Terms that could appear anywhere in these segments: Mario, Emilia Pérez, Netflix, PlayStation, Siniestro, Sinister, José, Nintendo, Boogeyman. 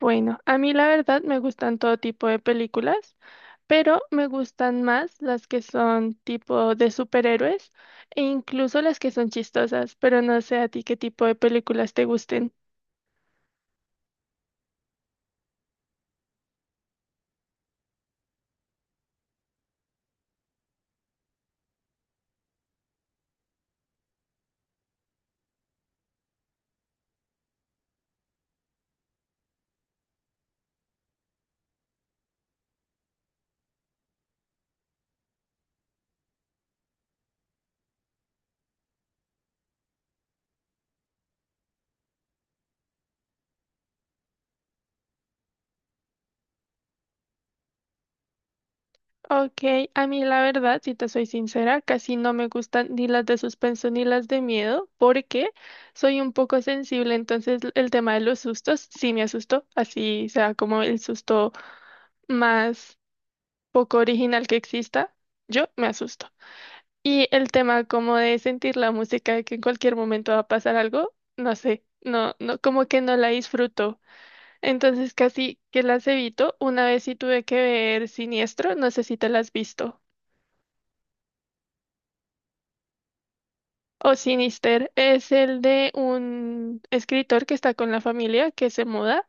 Bueno, a mí la verdad me gustan todo tipo de películas, pero me gustan más las que son tipo de superhéroes e incluso las que son chistosas, pero no sé a ti qué tipo de películas te gusten. Ok, a mí la verdad, si te soy sincera, casi no me gustan ni las de suspenso ni las de miedo, porque soy un poco sensible, entonces el tema de los sustos sí me asustó, así sea como el susto más poco original que exista, yo me asusto. Y el tema como de sentir la música de que en cualquier momento va a pasar algo, no sé, no, no, como que no la disfruto. Entonces casi que las evito. Una vez sí tuve que ver Siniestro, no sé si te la has visto. O Sinister es el de un escritor que está con la familia, que se muda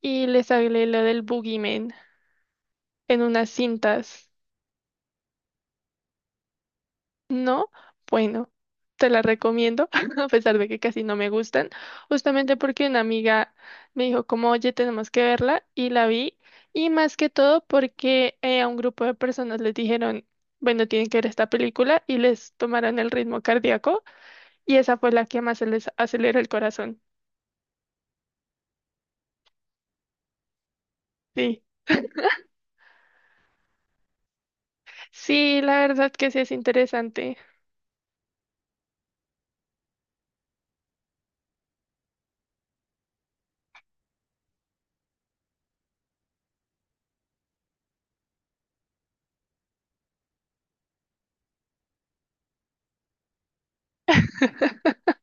y le sale lo del Boogeyman en unas cintas. ¿No? Bueno, te la recomiendo, a pesar de que casi no me gustan, justamente porque una amiga me dijo como, oye, tenemos que verla y la vi. Y más que todo porque a un grupo de personas les dijeron, bueno, tienen que ver esta película y les tomaron el ritmo cardíaco y esa fue la que más se les aceleró el corazón. Sí. Sí, la verdad que sí es interesante.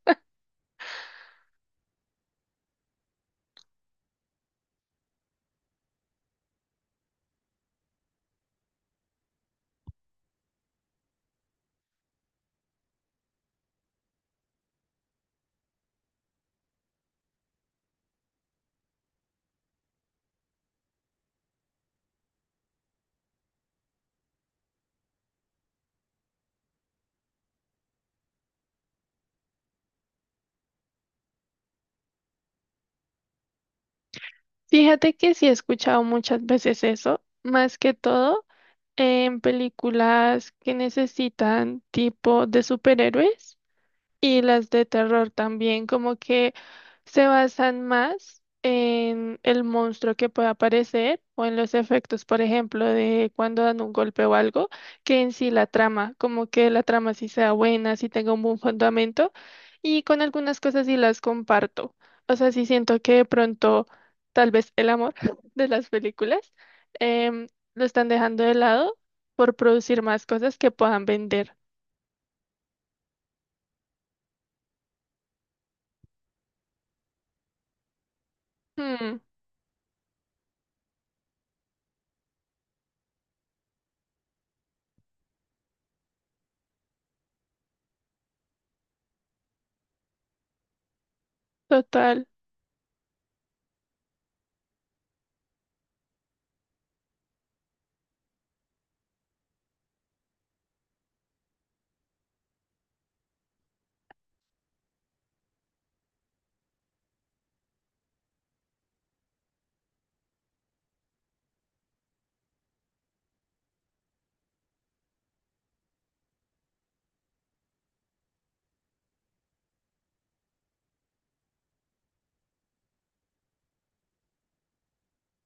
Fíjate que sí he escuchado muchas veces eso, más que todo en películas que necesitan tipo de superhéroes. Y las de terror también, como que se basan más en el monstruo que pueda aparecer o en los efectos, por ejemplo, de cuando dan un golpe o algo, que en sí la trama, como que la trama sí sea buena, sí tenga un buen fundamento. Y con algunas cosas sí las comparto. O sea, sí siento que de pronto tal vez el amor de las películas em, lo están dejando de lado por producir más cosas que puedan vender. Hmm, total.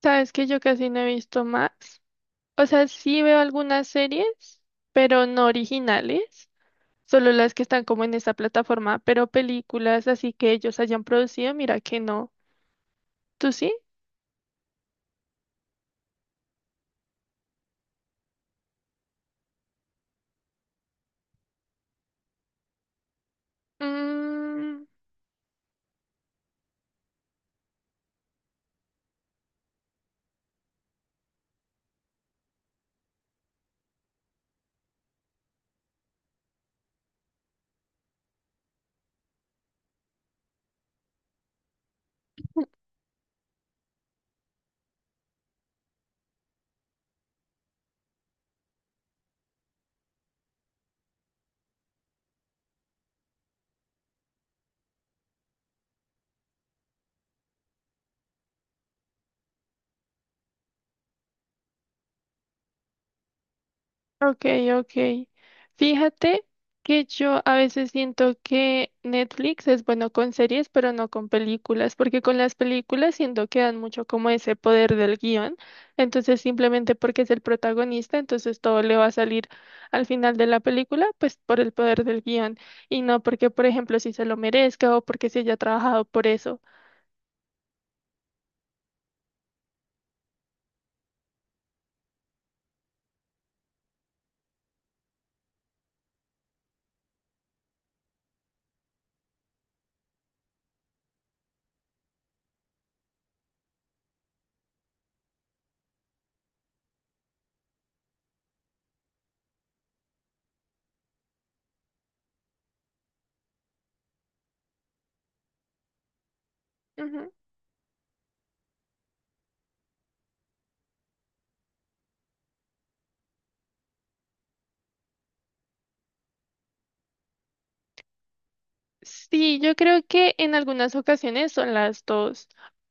Sabes que yo casi no he visto más. O sea, sí veo algunas series, pero no originales, solo las que están como en esta plataforma, pero películas así que ellos hayan producido, mira que no. ¿Tú sí? Mm, ok, ok. Fíjate que yo a veces siento que Netflix es bueno con series, pero no con películas, porque con las películas siento que dan mucho como ese poder del guión, entonces simplemente porque es el protagonista, entonces todo le va a salir al final de la película, pues por el poder del guión, y no porque, por ejemplo, si se lo merezca o porque se haya trabajado por eso. Sí, yo creo que en algunas ocasiones son las dos.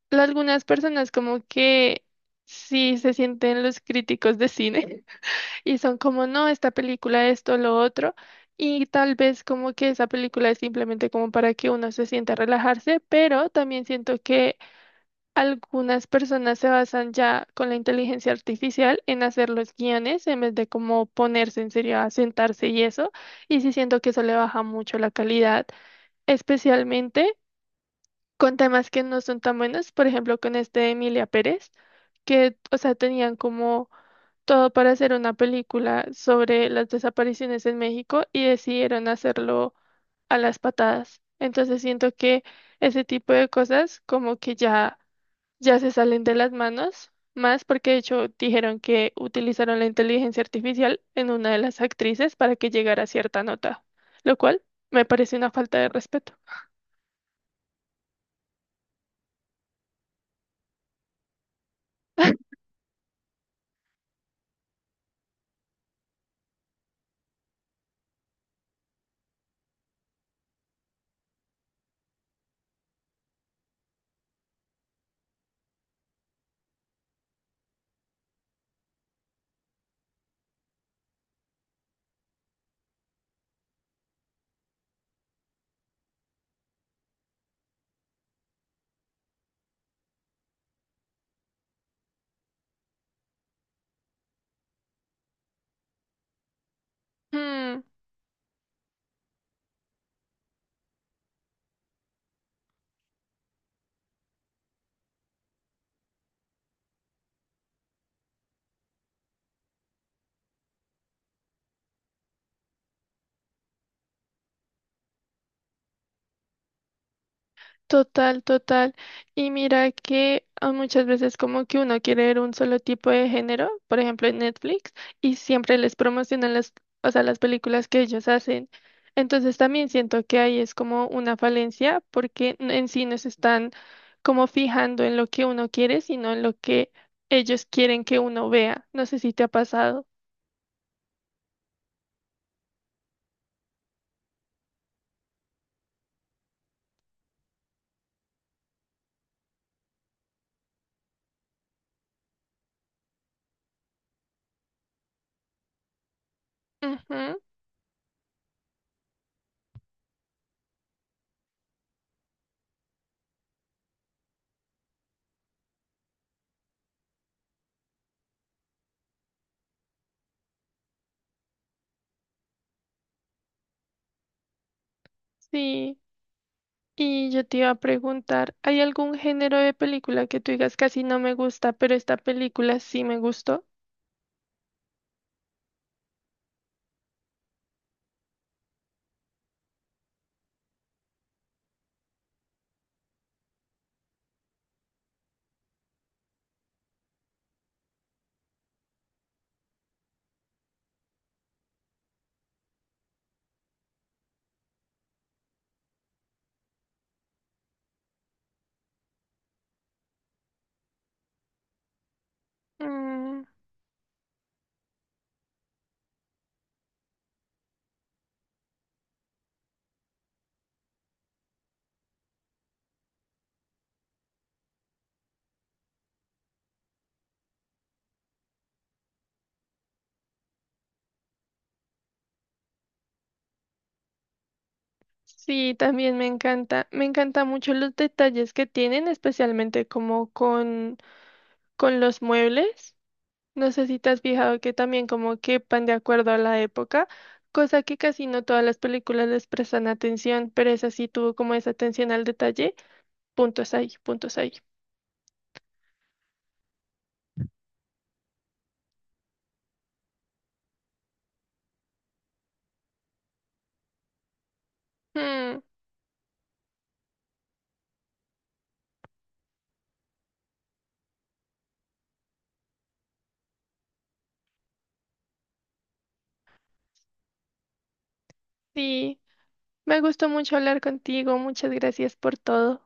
Pero algunas personas como que sí se sienten los críticos de cine y son como, no, esta película, esto, lo otro. Y tal vez como que esa película es simplemente como para que uno se sienta a relajarse, pero también siento que algunas personas se basan ya con la inteligencia artificial en hacer los guiones en vez de como ponerse en serio a sentarse y eso. Y sí siento que eso le baja mucho la calidad especialmente con temas que no son tan buenos, por ejemplo, con este de Emilia Pérez, que, o sea, tenían como todo para hacer una película sobre las desapariciones en México y decidieron hacerlo a las patadas. Entonces siento que ese tipo de cosas como que ya, ya se salen de las manos, más porque de hecho dijeron que utilizaron la inteligencia artificial en una de las actrices para que llegara a cierta nota, lo cual me parece una falta de respeto. Hmm, total, total. Y mira que ah, muchas veces como que uno quiere ver un solo tipo de género, por ejemplo en Netflix, y siempre les promocionan las, o sea, las películas que ellos hacen. Entonces también siento que ahí es como una falencia porque en sí no se están como fijando en lo que uno quiere, sino en lo que ellos quieren que uno vea. No sé si te ha pasado. Ujú, sí. Y yo te iba a preguntar, ¿hay algún género de película que tú digas casi no me gusta, pero esta película sí me gustó? Mm, sí, también me encanta. Me encanta mucho los detalles que tienen, especialmente como con los muebles. No sé si te has fijado que también como que van de acuerdo a la época, cosa que casi no todas las películas les prestan atención, pero esa sí tuvo como esa atención al detalle. Puntos ahí, puntos ahí. Mm, sí, me gustó mucho hablar contigo, muchas gracias por todo.